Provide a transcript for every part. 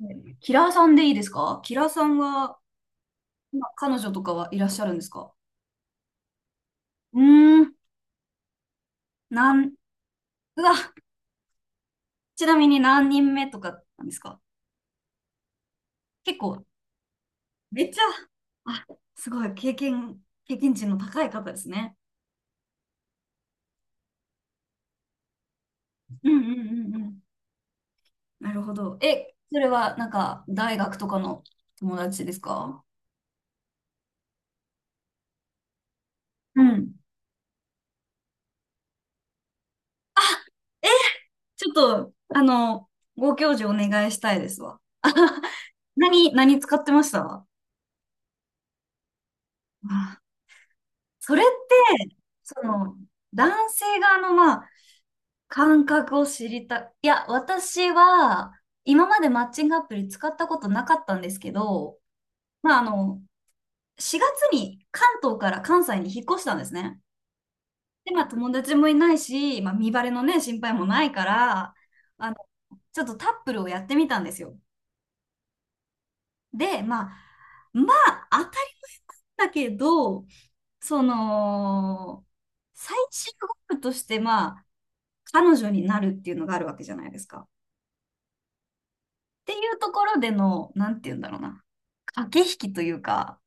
はい、キラーさんでいいですか？キラーさんは、今彼女とかはいらっしゃるんですか？うーん、なん、うわ、ちなみに何人目とかなんですか？結構、めっちゃ、あ、すごい、経験値の高い方ですね。うんうんうんうん。なるほど。え、それはなんか、大学とかの友達ですか？うん。え、ちょっと、あの、ご教授お願いしたいですわ。何使ってましたわ？それって、その、男性側の、まあ、感覚を知りたい。や、私は、今までマッチングアプリ使ったことなかったんですけど、まあ、あの、4月に関東から関西に引っ越したんですね。で、まあ、友達もいないし、まあ、身バレのね、心配もないから、あの、ちょっとタップルをやってみたんですよ。で、まあ、当たりだけど、その、最終ゴールとして、まあ、彼女になるっていうのがあるわけじゃないですか。っていうところでの、なんて言うんだろうな。駆け引きというか、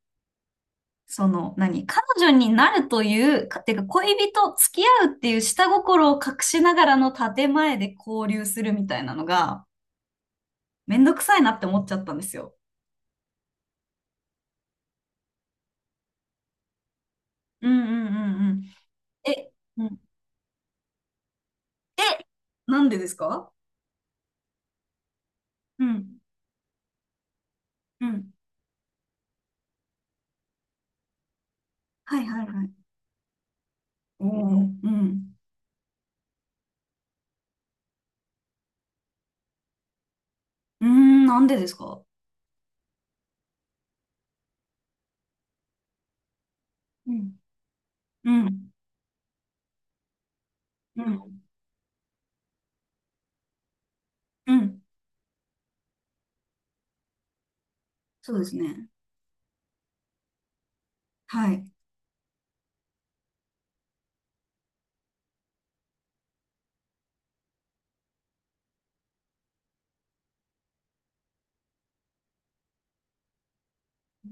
その、何彼女になるという、かてか恋人、付き合うっていう下心を隠しながらの建前で交流するみたいなのが、めんどくさいなって思っちゃったんですよ。うんうんうんうん。え、うん、え、なんでですか？うん、うん。はいはいはい。おお、うん。うーん、なんでですか？うん、うん、うん、うん。そうですね。はい。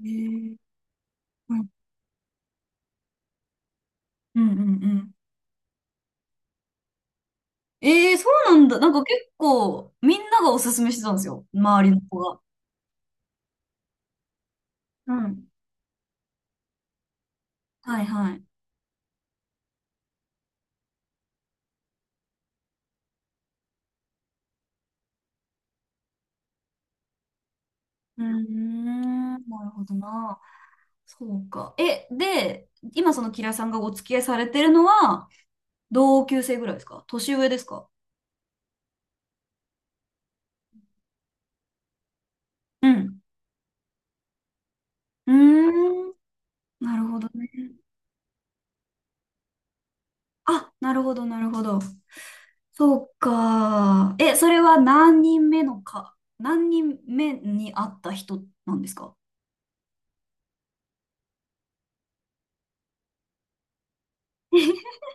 えー、うんうんうんうん。えー、そうなんだ。なんか結構、みんながおすすめしてたんですよ。周りの子が。うん。はいはい。うーん、なるほどな。そうか。今そのキラさんがお付き合いされてるのは、同級生ぐらいですか、年上ですか？うん。うーん、なるほどね。あ、なるほど、なるほど。そうか。え、それは何人目に会った人なんですか？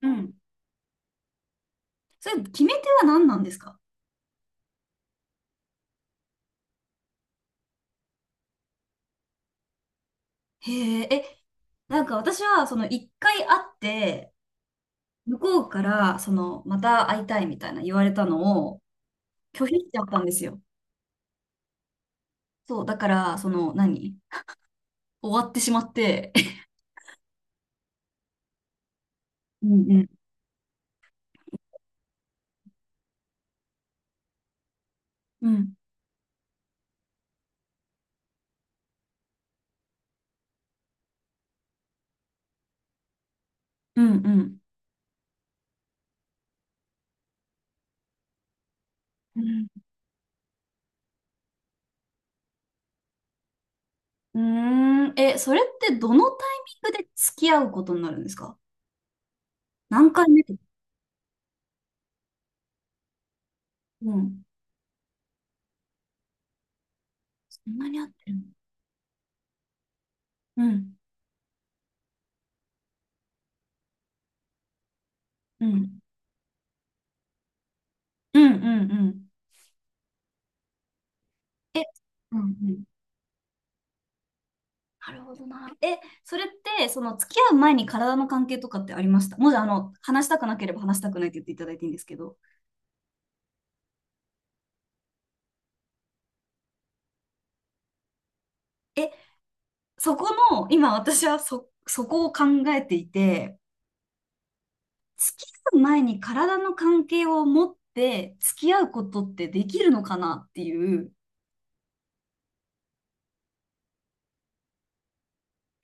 うん。それ、決め手は何なんですか？へえ、え、なんか私は、その、一回会って、向こうから、その、また会いたいみたいな言われたのを拒否しちゃったんですよ。そう、だから、その、何終わってしまって。うんうん。うん、うん、うん。うん、うーん。え、それってどのタイミングで付き合うことになるんですか？何回目とか。うん。そんなに合ってるの？うん。うん。うん。うんうん。え、うんうん。なるほどな。え、それって、その付き合う前に体の関係とかってありました？もし、あの、話したくなければ話したくないって言っていただいていいんですけど。え、そこの、今私はそこを考えていて、付き合う前に体の関係を持って付き合うことってできるのかなっていう。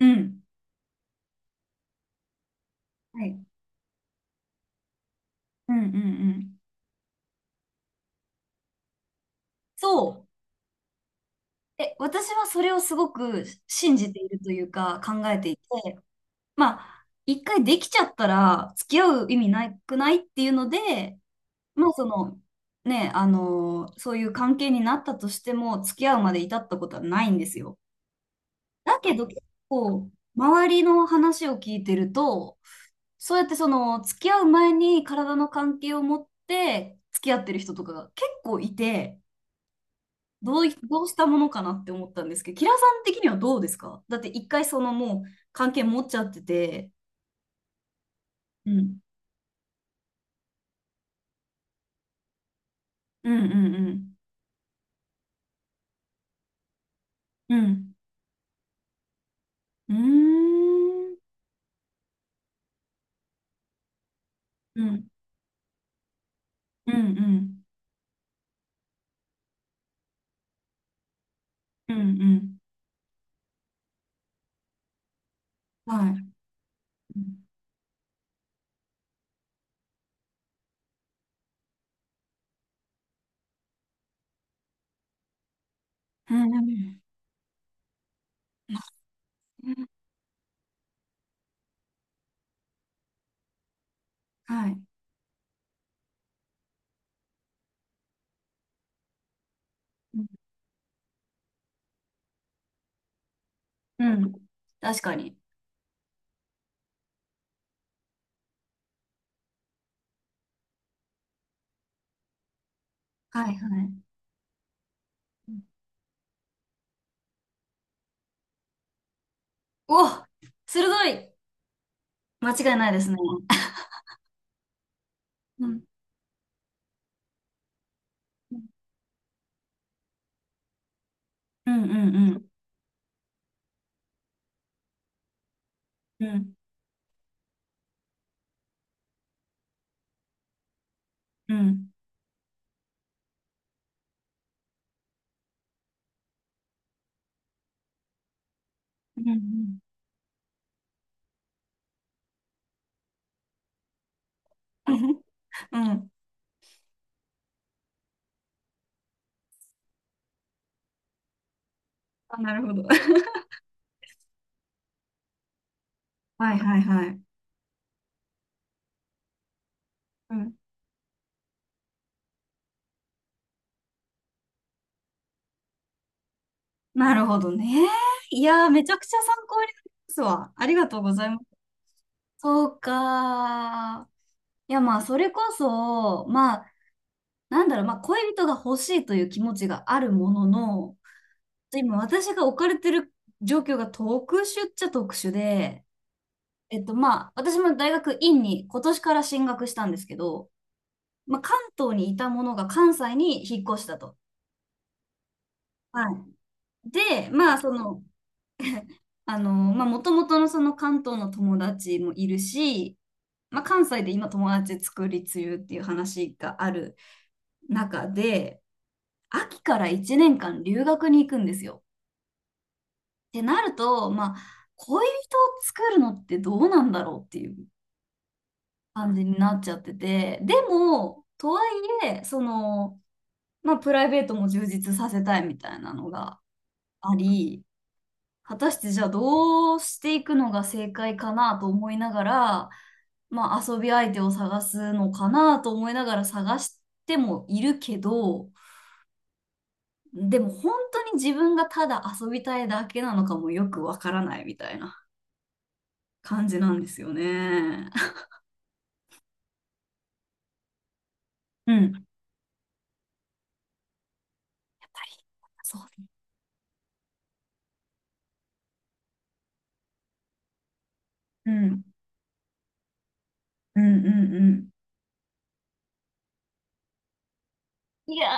うん。はい。うんうんうん。そう。え、私はそれをすごく信じているというか考えていて、まあ、一回できちゃったら付き合う意味なくないっていうので、まあその、ね、あのそういう関係になったとしても付き合うまで至ったことはないんですよ。だけど結構、周りの話を聞いてると、そうやってその付き合う前に体の関係を持って付き合ってる人とかが結構いて、どうしたものかなって思ったんですけど、キラさん的にはどうですか？だって一回そのもう関係持っちゃってて、うん、うんうんうん、うん、うーん、うん、うん、うん、うん、うん、はい、うん、うん、はい、うん、うん、確かに。はい、はい。お、鋭い。間違いないですね。うん、うん、うん、うん、うん、うん、うん、うん、うん、あ、なるほど。はいはいはい。うん。なるほどね。いやー、めちゃくちゃ参考になりますわ。ありがとうございます。そうかー。いや、まあ、それこそ、まあ、なんだろう、まあ、恋人が欲しいという気持ちがあるものの、今、私が置かれてる状況が特殊っちゃ特殊で、私も大学院に今年から進学したんですけど、まあ、関東にいたものが関西に引っ越したと。はい。で、まあ、その、あの、まあ、もともとのその関東の友達もいるし、まあ、関西で今友達作り中っていう話がある中で、秋から1年間留学に行くんですよ。ってなると、まあ、恋人を作るのってどうなんだろうっていう感じになっちゃってて、でも、とはいえ、その、まあ、プライベートも充実させたいみたいなのがあり、果たしてじゃあどうしていくのが正解かなと思いながら、まあ遊び相手を探すのかなと思いながら探してもいるけど、でも本当に自分がただ遊びたいだけなのかもよくわからないみたいな感じなんですよね。うん。やっぱり、そうです。うんうんうんうん。いやー、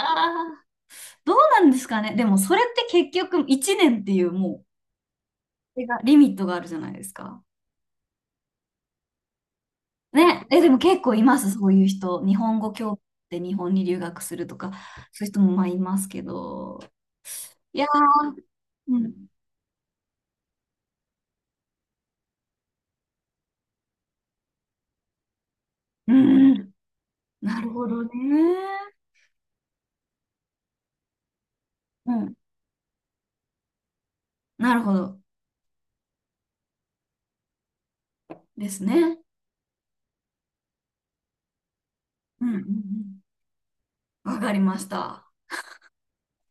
どうなんですかね。でもそれって結局1年っていうもう、がリミットがあるじゃないですか。ね、え、でも結構います、そういう人。日本語教で日本に留学するとか、そういう人もまあいますけど。いやー、うん、うん、うん、なるほどね。うん、なるほどですね。うん、うん、うん、わかりました。